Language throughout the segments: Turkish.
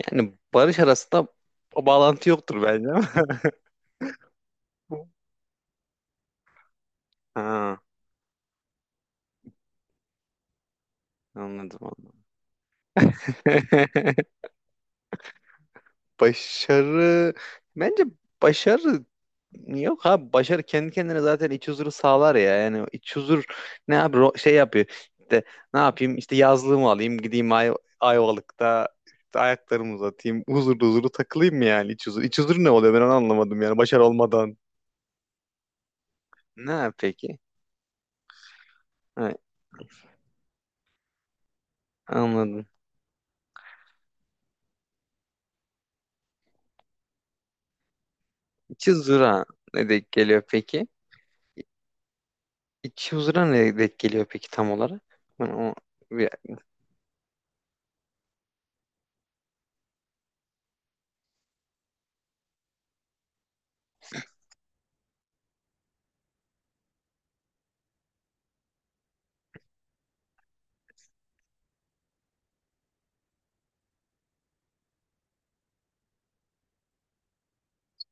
Yani barış arasında o bağlantı yoktur bence ama. Ha, anladım anladım. Başarı bence başarı yok abi, başarı kendi kendine zaten iç huzuru sağlar ya. Yani iç huzur ne abi, şey yapıyor. İşte ne yapayım, işte yazlığımı alayım, gideyim Ayvalık'ta, işte ayaklarımı uzatayım, huzurlu huzurlu takılayım mı yani iç huzur. İç huzur ne oluyor, ben onu anlamadım yani, başarı olmadan. Ne peki? Ha, anladım. İç huzura ne denk geliyor peki? İç huzura ne denk geliyor peki tam olarak? Yani o bir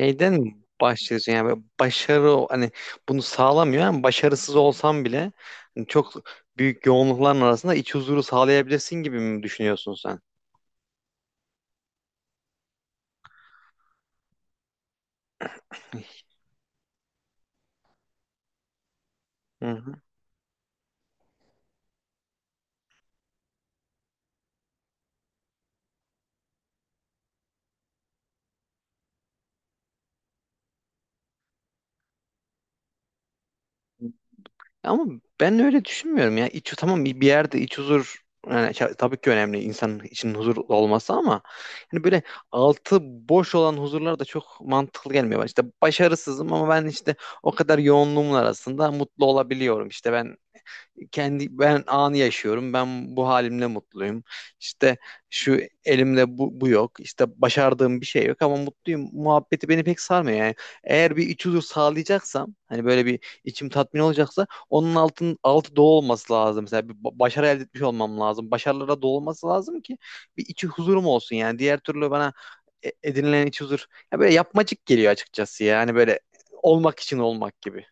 şeyden mi başlıyorsun yani? Böyle başarı hani bunu sağlamıyor ama başarısız olsan bile hani çok büyük yoğunlukların arasında iç huzuru sağlayabilirsin gibi mi düşünüyorsun sen? Hı hı. Ama ben öyle düşünmüyorum ya. İç, tamam, bir yerde iç huzur yani, tabii ki önemli insanın içinin huzur olması ama hani böyle altı boş olan huzurlar da çok mantıklı gelmiyor bana. İşte başarısızım ama ben işte o kadar yoğunluğumun arasında mutlu olabiliyorum. İşte ben kendi ben anı yaşıyorum. Ben bu halimle mutluyum. İşte şu elimde bu yok. İşte başardığım bir şey yok ama mutluyum muhabbeti beni pek sarmıyor yani. Eğer bir iç huzur sağlayacaksam, hani böyle bir içim tatmin olacaksa, onun altı dolu olması lazım. Mesela bir başarı elde etmiş olmam lazım. Başarılara dolu olması lazım ki bir iç huzurum olsun yani. Diğer türlü bana edinilen iç huzur ya böyle yapmacık geliyor açıkçası, yani böyle olmak için olmak gibi.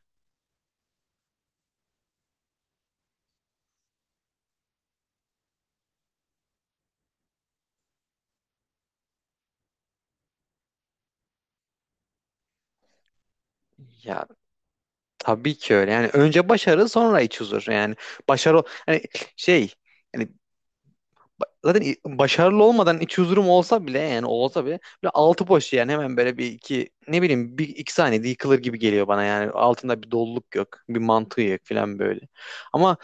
Ya tabii ki öyle. Yani önce başarı sonra iç huzur. Yani başarı hani şey yani, zaten başarılı olmadan iç huzurum olsa bile, yani olsa bile, böyle altı boş yani, hemen böyle bir iki ne bileyim bir iki saniyede yıkılır gibi geliyor bana. Yani altında bir doluluk yok, bir mantığı yok falan böyle. Ama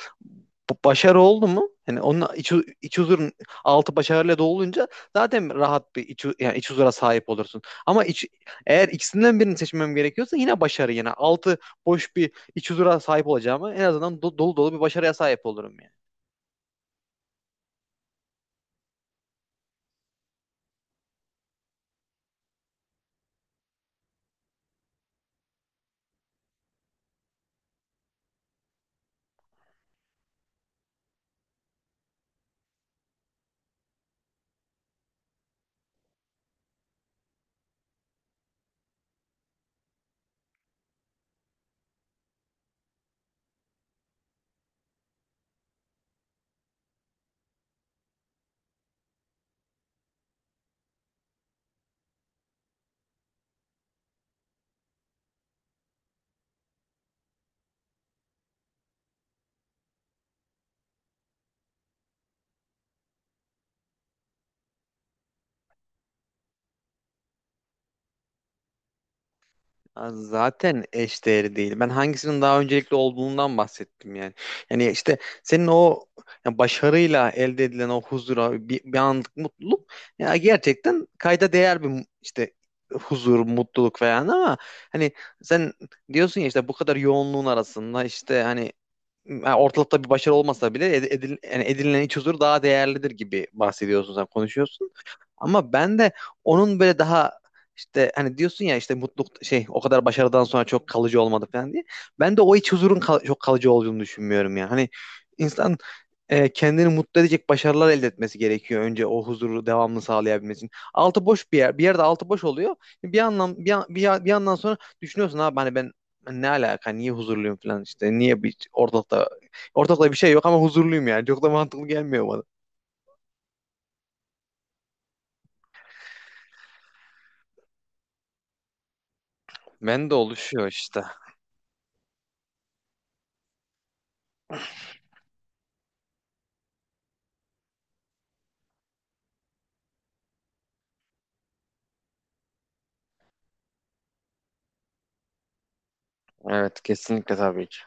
bu başarı oldu mu, yani onun iç huzurun altı başarıyla dolunca zaten rahat bir yani iç huzura sahip olursun. Ama iç, eğer ikisinden birini seçmem gerekiyorsa yine başarı, yani altı boş bir iç huzura sahip olacağıma en azından dolu dolu bir başarıya sahip olurum yani. Ya zaten eşdeğeri değil. Ben hangisinin daha öncelikli olduğundan bahsettim yani. Yani işte senin o, ya başarıyla elde edilen o huzura bir anlık mutluluk, ya gerçekten kayda değer bir işte huzur, mutluluk falan ama hani sen diyorsun ya, işte bu kadar yoğunluğun arasında işte, hani, yani ortalıkta bir başarı olmasa bile, yani edinilen iç huzur daha değerlidir gibi bahsediyorsun, sen konuşuyorsun. Ama ben de onun böyle daha işte hani, diyorsun ya işte mutluluk şey o kadar başarıdan sonra çok kalıcı olmadı falan diye. Ben de o iç huzurun çok kalıcı olduğunu düşünmüyorum ya. Hani insan e, kendini mutlu edecek başarılar elde etmesi gerekiyor önce, o huzuru devamlı sağlayabilmesi için. Altı boş bir yer, Bir yerde altı boş oluyor. Bir anlam bir, an- bir, Bir yandan sonra düşünüyorsun abi, hani ben ne alaka niye huzurluyum falan, işte niye, bir ortalıkta ortalıkta bir şey yok ama huzurluyum, yani çok da mantıklı gelmiyor bana. Ben de oluşuyor işte. Evet, kesinlikle, tabii ki.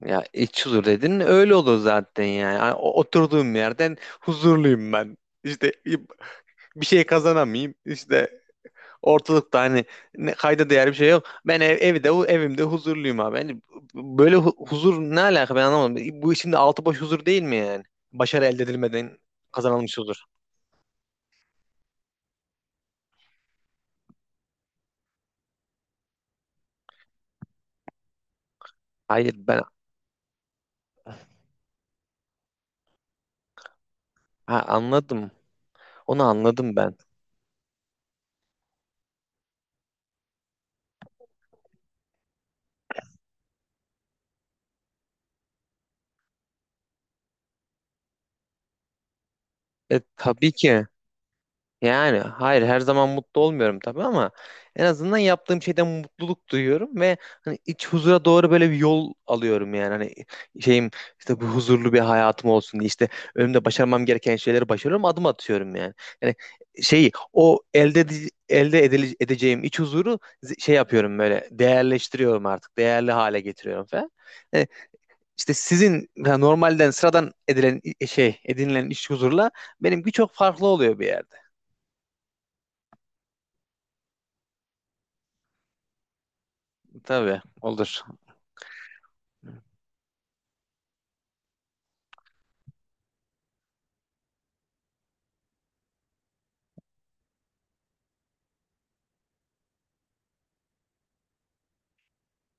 Ya iç huzur dedin öyle olur zaten yani. Hani oturduğum yerden huzurluyum ben. İşte bir şey kazanamayayım, İşte ortalıkta hani ne, kayda değer bir şey yok. Ben ev, evde evimde huzurluyum abi. Hani böyle huzur ne alaka, ben anlamadım. Bu işin de altı boş huzur değil mi yani? Başarı elde edilmeden kazanılmış huzur. Hayır, ben ha, anladım. Onu anladım ben. E, tabii ki. Yani hayır, her zaman mutlu olmuyorum tabii ama en azından yaptığım şeyden mutluluk duyuyorum ve hani iç huzura doğru böyle bir yol alıyorum yani. Hani şeyim, işte bu huzurlu bir hayatım olsun diye işte önümde başarmam gereken şeyleri başarıyorum, adım atıyorum yani. Yani şeyi o elde ede- elde edile- edeceğim iç huzuru şey yapıyorum böyle, değerleştiriyorum, artık değerli hale getiriyorum falan. Hani, İşte sizin yani normalden sıradan edilen şey, edinilen iş huzurla benimki çok farklı oluyor bir yerde. Tabii olur.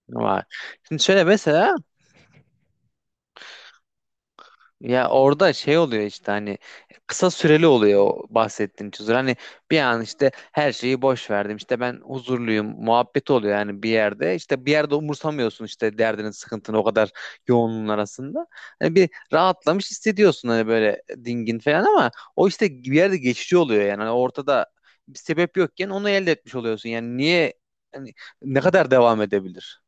Var. Şimdi şöyle mesela, ya orada şey oluyor işte, hani kısa süreli oluyor o bahsettiğin huzur. Hani bir an işte her şeyi boş verdim, işte ben huzurluyum muhabbet oluyor yani bir yerde. İşte bir yerde umursamıyorsun işte derdinin sıkıntını o kadar yoğunluğun arasında. Hani bir rahatlamış hissediyorsun, hani böyle dingin falan ama o işte bir yerde geçici oluyor yani. Hani ortada bir sebep yokken onu elde etmiş oluyorsun. Yani niye, hani ne kadar devam edebilir?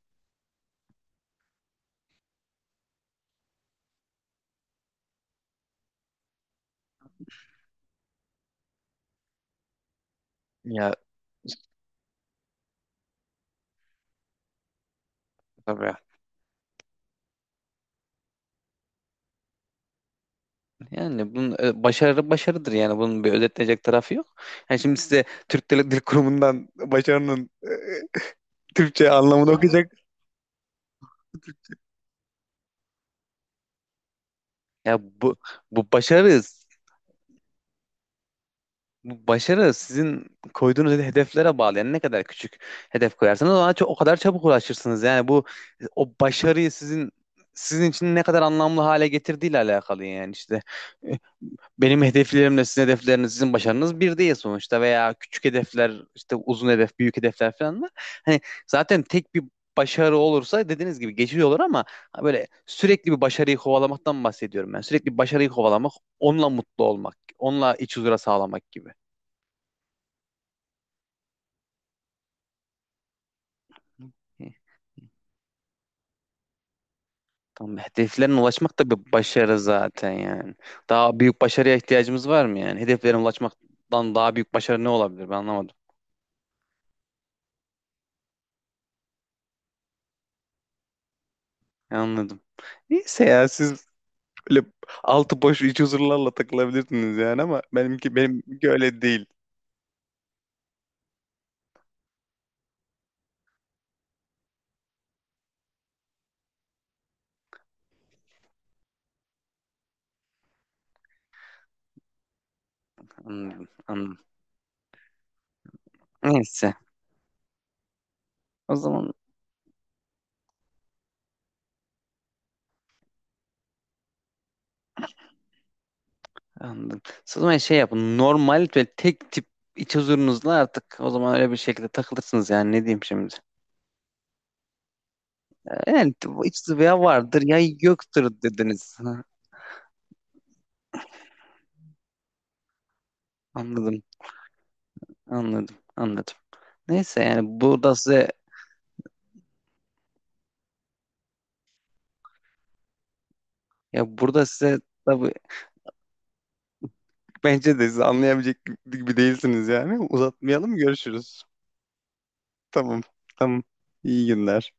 Ya tabii. Yani bunun başarı başarıdır yani, bunun bir özetlenecek tarafı yok. Yani şimdi size Dil Kurumu'ndan başarının Türkçe anlamını okuyacak. Ya bu, bu başarı bu başarı sizin koyduğunuz hedeflere bağlı. Yani ne kadar küçük hedef koyarsanız ona çok, o kadar çabuk ulaşırsınız. Yani bu o başarıyı sizin için ne kadar anlamlı hale getirdiğiyle alakalı yani işte. Benim hedeflerimle sizin hedefleriniz, sizin başarınız bir değil sonuçta. Veya küçük hedefler, işte uzun hedef, büyük hedefler falan var. Hani zaten tek bir başarı olursa dediğiniz gibi geçici olur ama ha, böyle sürekli bir başarıyı kovalamaktan bahsediyorum ben. Sürekli bir başarıyı kovalamak, onunla mutlu olmak, onunla iç huzura sağlamak gibi. Hı. Tamam, hedeflerine ulaşmak da bir başarı zaten yani. Daha büyük başarıya ihtiyacımız var mı yani? Hedeflerine ulaşmaktan daha büyük başarı ne olabilir? Ben anlamadım. Anladım. Neyse, ya siz böyle altı boş iç huzurlarla takılabilirsiniz yani ama benimki öyle değil. Anladım, anladım. Neyse. O zaman anladım. O zaman şey yapın, normal ve tek tip iç huzurunuzla artık o zaman öyle bir şekilde takılırsınız yani, ne diyeyim şimdi. Yani bu iç huzuru ya vardır ya yoktur dediniz. Ha, anladım. Anladım. Anladım. Neyse, yani burada size, ya burada size tabii, bence de siz anlayabilecek gibi değilsiniz yani. Uzatmayalım, görüşürüz. Tamam. Tamam. İyi günler.